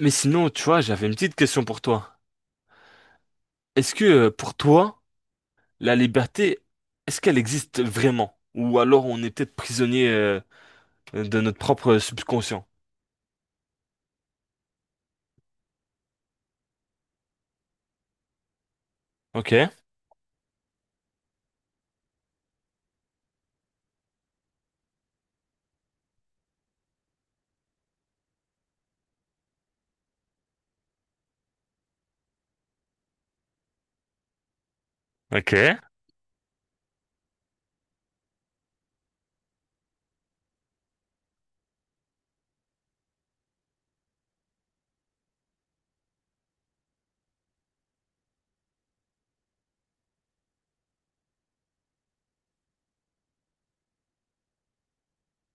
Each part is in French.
Mais sinon, tu vois, j'avais une petite question pour toi. Est-ce que pour toi, la liberté, est-ce qu'elle existe vraiment? Ou alors on est peut-être prisonnier de notre propre subconscient? Ok, ok,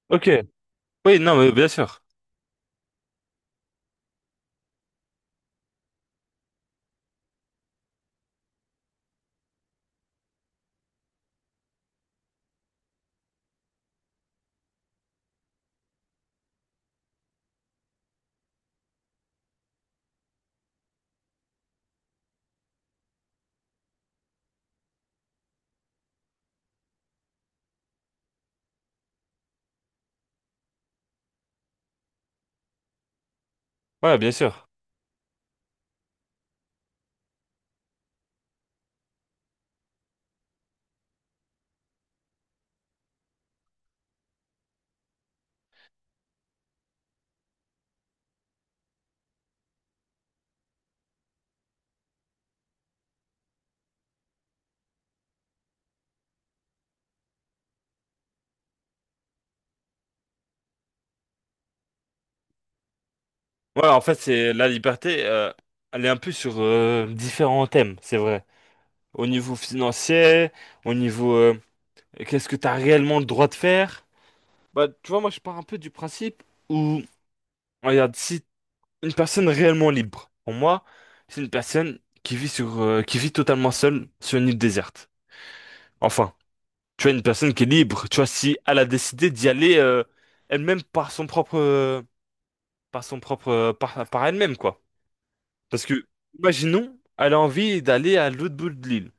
ok. Oui, non, mais bien sûr. Ouais, bien sûr. Ouais, en fait, c'est la liberté, elle est un peu sur différents thèmes, c'est vrai. Au niveau financier, au niveau qu'est-ce que tu as réellement le droit de faire? Bah, tu vois, moi, je pars un peu du principe où, regarde, si une personne réellement libre, pour moi, c'est une personne qui vit sur, qui vit totalement seule sur une île déserte. Enfin, tu as une personne qui est libre, tu vois, si elle a décidé d'y aller elle-même par son propre, par son propre, par elle-même, quoi. Parce que, imaginons, elle a envie d'aller à l'autre bout de l'île.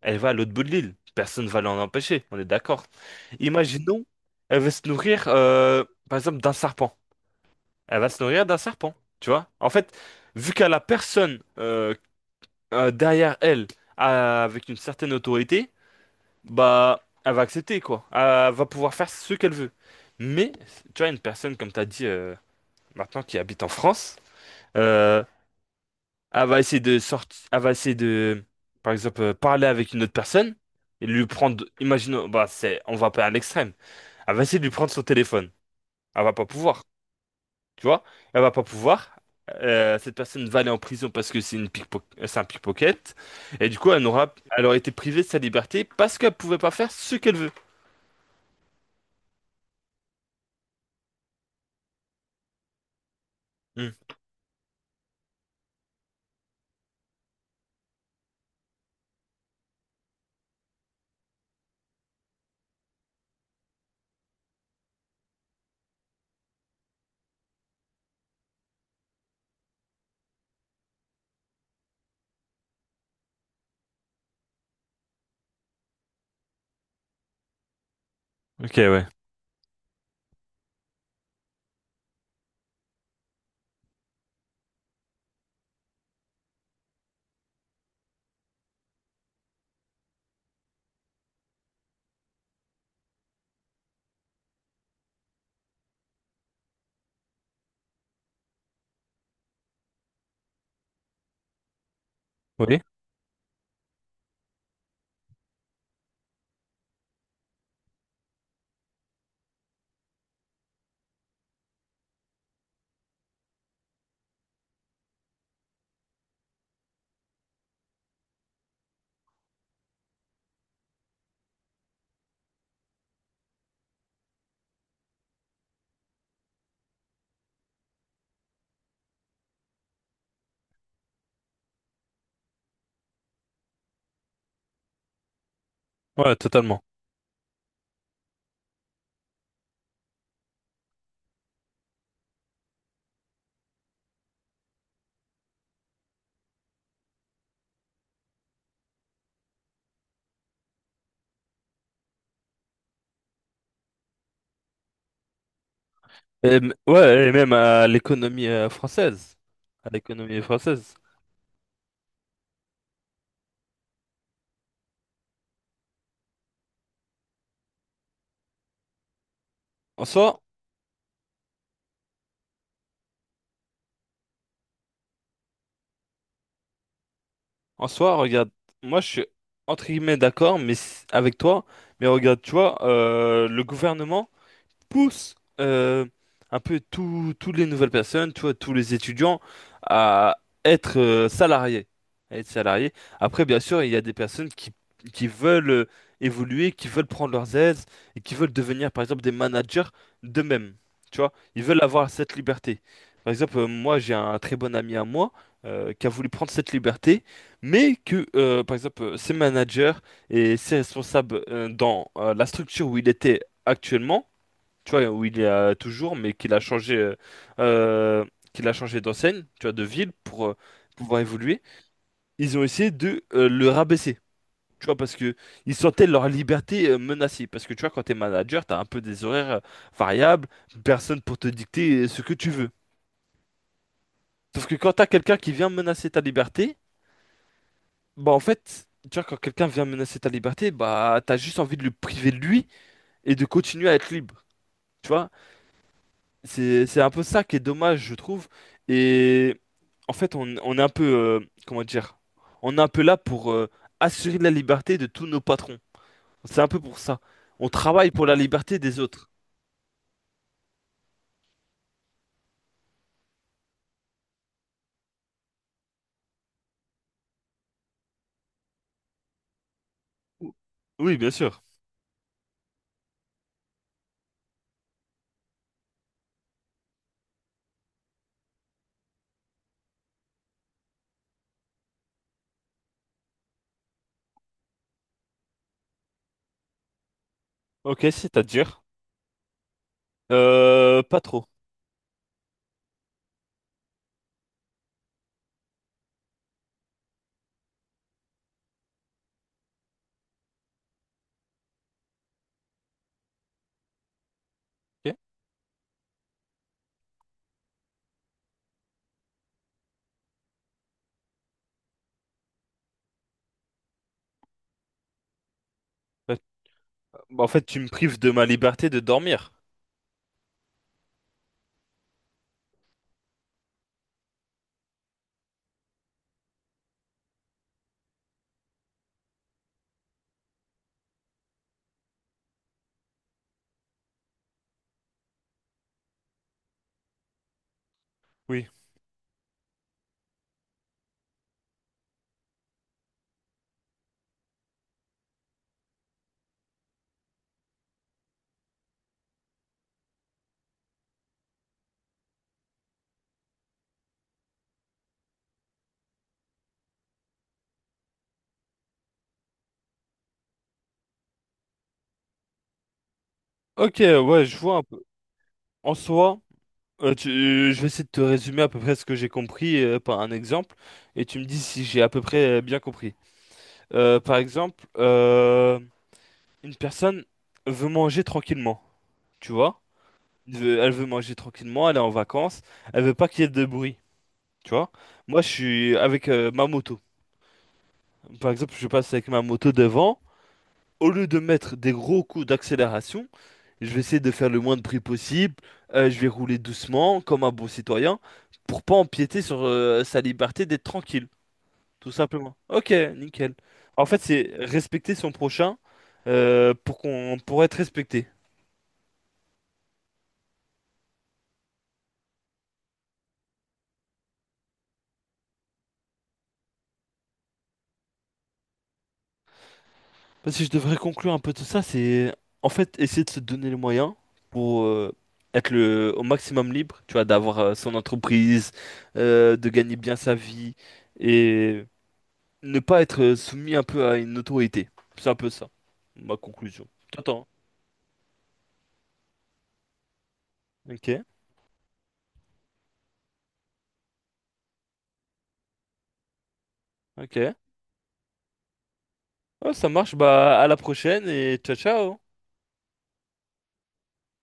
Elle va à l'autre bout de l'île, personne ne va l'en empêcher, on est d'accord. Imaginons, elle veut se nourrir, par exemple, d'un serpent. Elle va se nourrir d'un serpent, tu vois. En fait, vu qu'elle a personne derrière elle avec une certaine autorité, bah, elle va accepter quoi. Elle va pouvoir faire ce qu'elle veut. Mais, tu vois, une personne, comme tu as dit maintenant, qui habite en France, euh, elle va essayer de sortir, elle va essayer de, par exemple, parler avec une autre personne et lui prendre, imaginons, bah, on va pas à l'extrême, elle va essayer de lui prendre son téléphone. Elle va pas pouvoir. Tu vois? Elle va pas pouvoir. Cette personne va aller en prison parce que c'est un pickpocket. Et du coup, elle aurait été privée de sa liberté parce qu'elle pouvait pas faire ce qu'elle veut. Hmm. Ok, ouais. Oui, ouais, totalement. Et, ouais, et même à l'économie française. À l'économie française. En soi, en soi, regarde, moi je suis entre guillemets d'accord, mais avec toi, mais regarde, tu vois, le gouvernement pousse euh, un peu toutes les nouvelles personnes, tu vois, tous les étudiants à être salariés, à être salariés. Après, bien sûr, il y a des personnes qui veulent évoluer, qui veulent prendre leurs aises et qui veulent devenir, par exemple, des managers d'eux-mêmes. Tu vois, ils veulent avoir cette liberté. Par exemple, moi, j'ai un très bon ami à moi qui a voulu prendre cette liberté, mais par exemple, ses managers et ses responsables dans la structure où il était actuellement, tu vois, où il est toujours, mais euh, qu'il a changé d'enseigne, tu vois, de ville pour pouvoir évoluer. Ils ont essayé de le rabaisser, tu vois, parce que ils sentaient leur liberté menacée. Parce que tu vois, quand t'es manager, t'as un peu des horaires variables, personne pour te dicter ce que tu veux. Sauf que quand t'as quelqu'un qui vient menacer ta liberté, Bah en fait, tu vois, quand quelqu'un vient menacer ta liberté, bah t'as juste envie de le priver de lui et de continuer à être libre. Tu vois, c'est un peu ça qui est dommage, je trouve. Et en fait, on est un peu, comment dire, on est un peu là pour assurer la liberté de tous nos patrons. C'est un peu pour ça. On travaille pour la liberté des autres. Ou- Oui, bien sûr. Ok, c'est-à-dire? Pas trop. Ok. Bah, bah, en fait, tu me prives de ma liberté de dormir. Oui. Ok, ouais, je vois un peu. En soi, je vais essayer de te résumer à peu près ce que j'ai compris par un exemple, et tu me dis si j'ai à peu près bien compris. Par exemple, une personne veut manger tranquillement, tu vois? Elle veut manger tranquillement, elle est en vacances, elle veut pas qu'il y ait de bruit, tu vois? Moi, je suis avec ma moto. Par exemple, je passe avec ma moto devant. Au lieu de mettre des gros coups d'accélération, je vais essayer de faire le moins de bruit possible. Je vais rouler doucement, comme un bon citoyen, pour pas empiéter sur sa liberté d'être tranquille. Tout simplement. Ok, nickel. En fait, c'est respecter son prochain pour qu'on pour être respecté. Bah, si je devrais conclure un peu tout ça, c'est en fait essayer de se donner les moyens pour être le au maximum libre, tu vois, d'avoir son entreprise, de gagner bien sa vie et ne pas être soumis un peu à une autorité. C'est un peu ça, ma conclusion. T'entends? Hein, ok, ok. Ouais, ça marche, bah à la prochaine et ciao ciao.